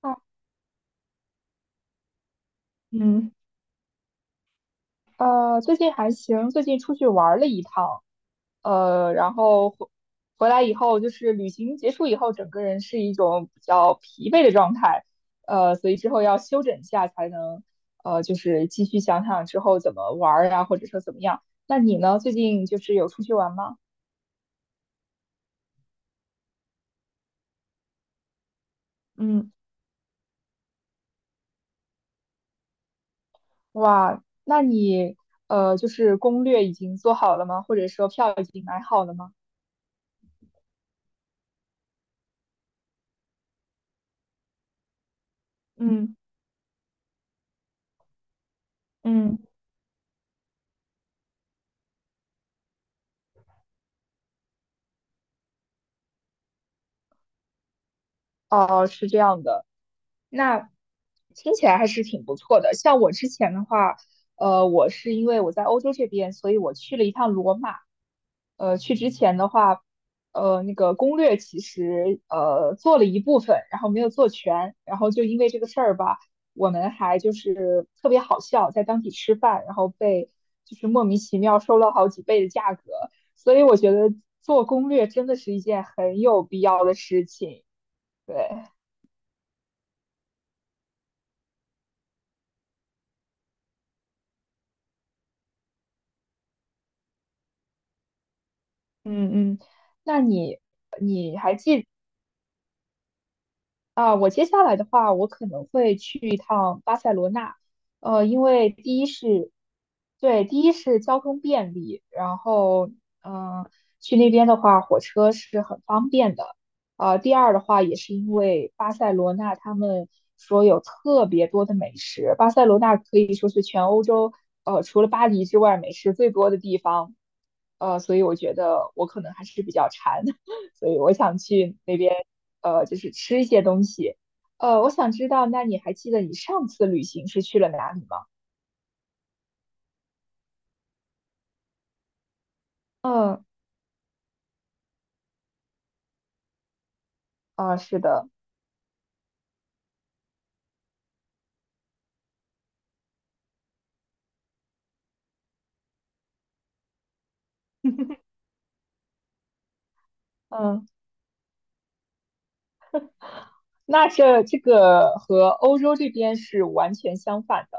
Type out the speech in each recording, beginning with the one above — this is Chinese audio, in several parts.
哦嗯，最近还行，最近出去玩儿了一趟，然后回来以后，就是旅行结束以后，整个人是一种比较疲惫的状态，所以之后要休整一下，才能就是继续想想之后怎么玩儿啊，或者说怎么样。那你呢？最近就是有出去玩吗？嗯，哇，那你就是攻略已经做好了吗？或者说票已经买好了吗？嗯，嗯，哦，是这样的。那听起来还是挺不错的。像我之前的话，我是因为我在欧洲这边，所以我去了一趟罗马。去之前的话，那个攻略其实做了一部分，然后没有做全，然后就因为这个事儿吧，我们就是特别好笑，在当地吃饭，然后被就是莫名其妙收了好几倍的价格，所以我觉得做攻略真的是一件很有必要的事情。对，嗯嗯，那你啊，我接下来的话，我可能会去一趟巴塞罗那，因为第一是，对，第一是交通便利，然后，嗯、去那边的话，火车是很方便的，第二的话，也是因为巴塞罗那他们说有特别多的美食，巴塞罗那可以说是全欧洲，除了巴黎之外，美食最多的地方，所以我觉得我可能还是比较馋。所以我想去那边，就是吃一些东西。我想知道，那你还记得你上次旅行是去了哪里吗？嗯，啊，是的 嗯。那这个和欧洲这边是完全相反的。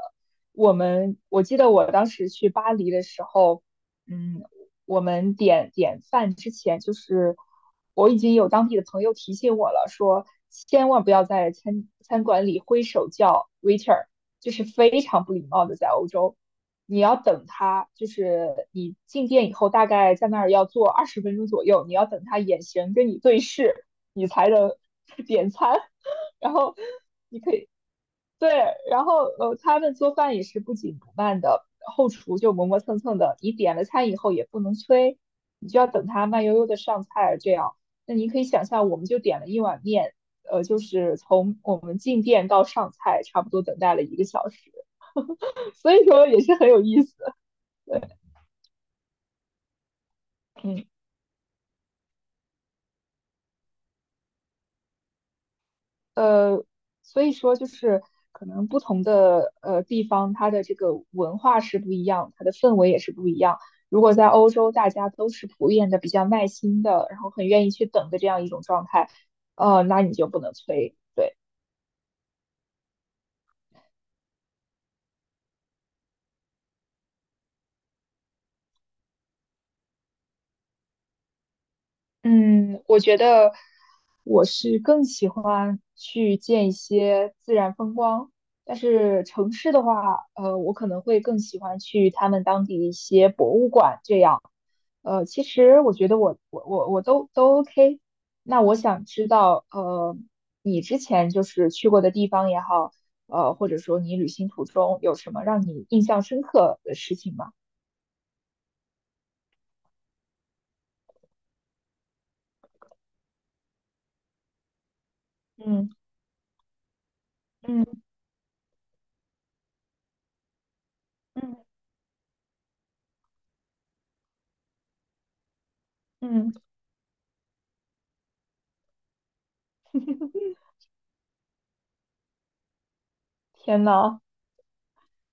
我记得我当时去巴黎的时候，嗯，我们点饭之前，就是我已经有当地的朋友提醒我了，说千万不要在餐馆里挥手叫 waiter，就是非常不礼貌的，在欧洲。你要等他，就是你进店以后，大概在那儿要坐20分钟左右，你要等他眼神跟你对视，你才能 点餐。然后对，然后他们做饭也是不紧不慢的，后厨就磨磨蹭蹭的。你点了餐以后也不能催，你就要等他慢悠悠的上菜，这样。那你可以想象，我们就点了一碗面，就是从我们进店到上菜，差不多等待了1个小时，所以说也是很有意思。对，嗯。呃，所以说就是可能不同的地方，它的这个文化是不一样，它的氛围也是不一样。如果在欧洲，大家都是普遍的比较耐心的，然后很愿意去等的这样一种状态，那你就不能催。对。嗯，我觉得我是更喜欢去见一些自然风光，但是城市的话，我可能会更喜欢去他们当地的一些博物馆这样。其实我觉得我都 OK。那我想知道，你之前就是去过的地方也好，或者说你旅行途中有什么让你印象深刻的事情吗？嗯嗯嗯嗯，天呐！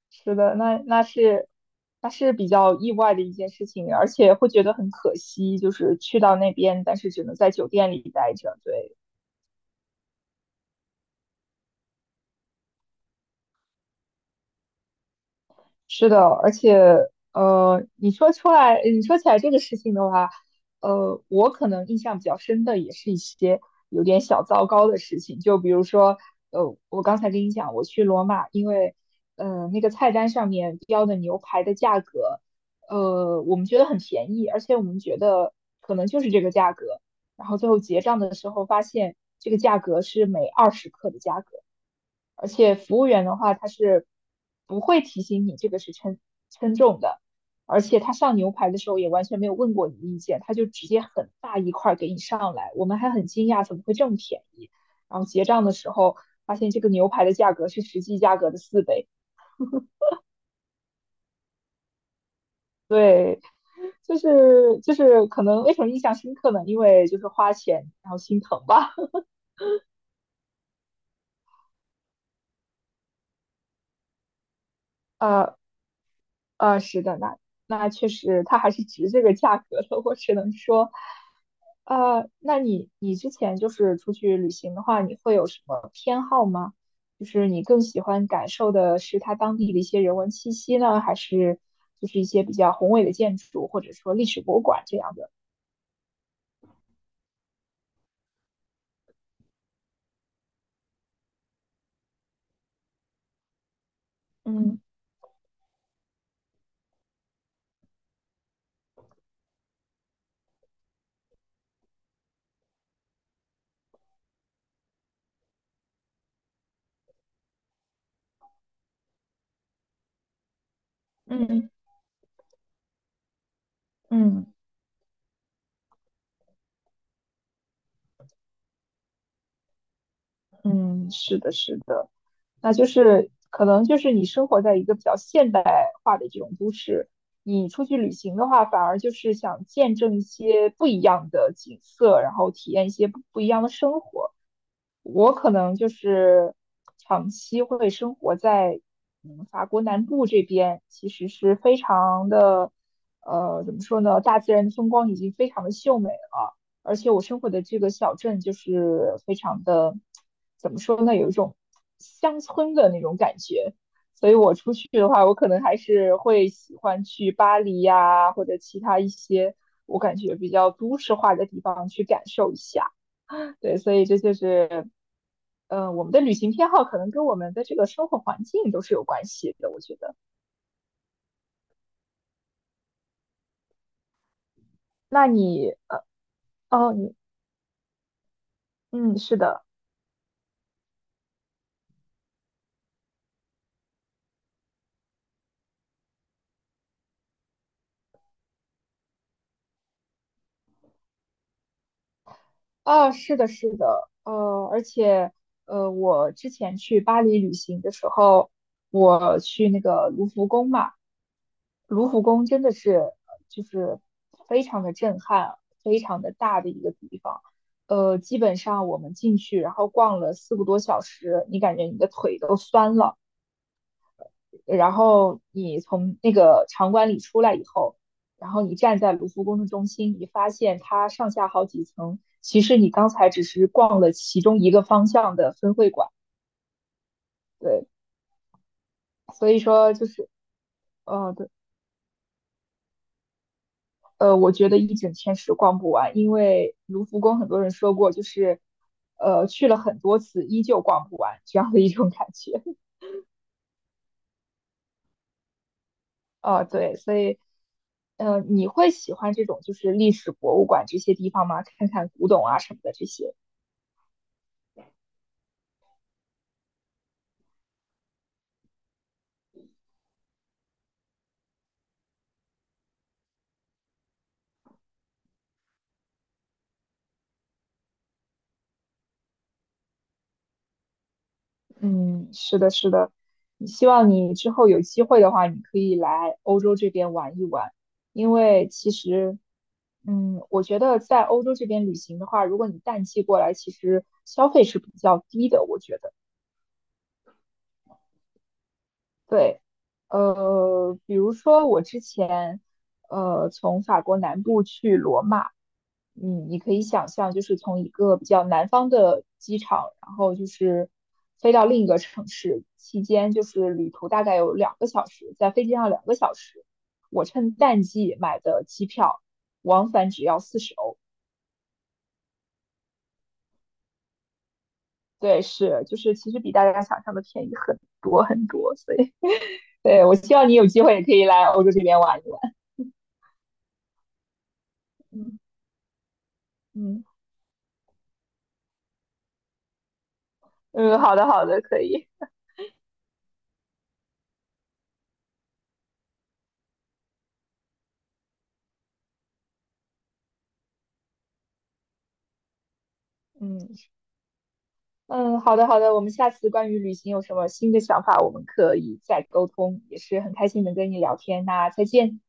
是的，那是比较意外的一件事情，而且会觉得很可惜，就是去到那边，但是只能在酒店里待着，对。是的，而且你说出来，你说起来这个事情的话，我可能印象比较深的也是一些有点小糟糕的事情，就比如说，我刚才跟你讲，我去罗马，因为，那个菜单上面标的牛排的价格，我们觉得很便宜，而且我们觉得可能就是这个价格，然后最后结账的时候发现这个价格是每20克的价格。而且服务员的话，他是不会提醒你这个是称重的，而且他上牛排的时候也完全没有问过你的意见，他就直接很大一块儿给你上来，我们还很惊讶怎么会这么便宜。然后结账的时候发现这个牛排的价格是实际价格的4倍，对，就是可能为什么印象深刻呢？因为就是花钱然后心疼吧。呃，是的，那确实，它还是值这个价格的。我只能说，那你之前就是出去旅行的话，你会有什么偏好吗？就是你更喜欢感受的是它当地的一些人文气息呢，还是就是一些比较宏伟的建筑，或者说历史博物馆这样的？嗯嗯嗯嗯，是的，是的。那就是可能就是你生活在一个比较现代化的这种都市，你出去旅行的话，反而就是想见证一些不一样的景色，然后体验一些不一样的生活。我可能就是长期会生活在嗯法国南部这边，其实是非常的怎么说呢，大自然的风光已经非常的秀美了。而且我生活的这个小镇就是非常的，怎么说呢，有一种乡村的那种感觉。所以我出去的话，我可能还是会喜欢去巴黎呀，或者其他一些我感觉比较都市化的地方去感受一下。对，所以这就是，我们的旅行偏好可能跟我们的这个生活环境都是有关系的，我觉得。那你，呃，哦，你，嗯，是的。啊，是的，是的，而且，我之前去巴黎旅行的时候，我去那个卢浮宫嘛，卢浮宫真的是就是非常的震撼，非常的大的一个地方，基本上我们进去，然后逛了4个多小时，你感觉你的腿都酸了。然后你从那个场馆里出来以后，然后你站在卢浮宫的中心，你发现它上下好几层，其实你刚才只是逛了其中一个方向的分会馆，对，所以说就是，对，我觉得一整天是逛不完，因为卢浮宫很多人说过，就是，去了很多次依旧逛不完这样的一种感觉，啊，对，所以。你会喜欢这种就是历史博物馆这些地方吗？看看古董啊什么的这些。嗯，是的，是的，希望你之后有机会的话，你可以来欧洲这边玩一玩，因为其实，嗯，我觉得在欧洲这边旅行的话，如果你淡季过来，其实消费是比较低的，我觉得。对，比如说我之前，从法国南部去罗马，嗯，你可以想象，就是从一个比较南方的机场，然后就是飞到另一个城市，期间就是旅途大概有两个小时，在飞机上两个小时，我趁淡季买的机票，往返只要40欧，对，是，就是其实比大家想象的便宜很多很多，所以，对，我希望你有机会也可以来欧洲这边玩一玩，嗯嗯。嗯，好的，好的，可以。嗯嗯，好的，好的。我们下次关于旅行有什么新的想法，我们可以再沟通。也是很开心能跟你聊天，那再见。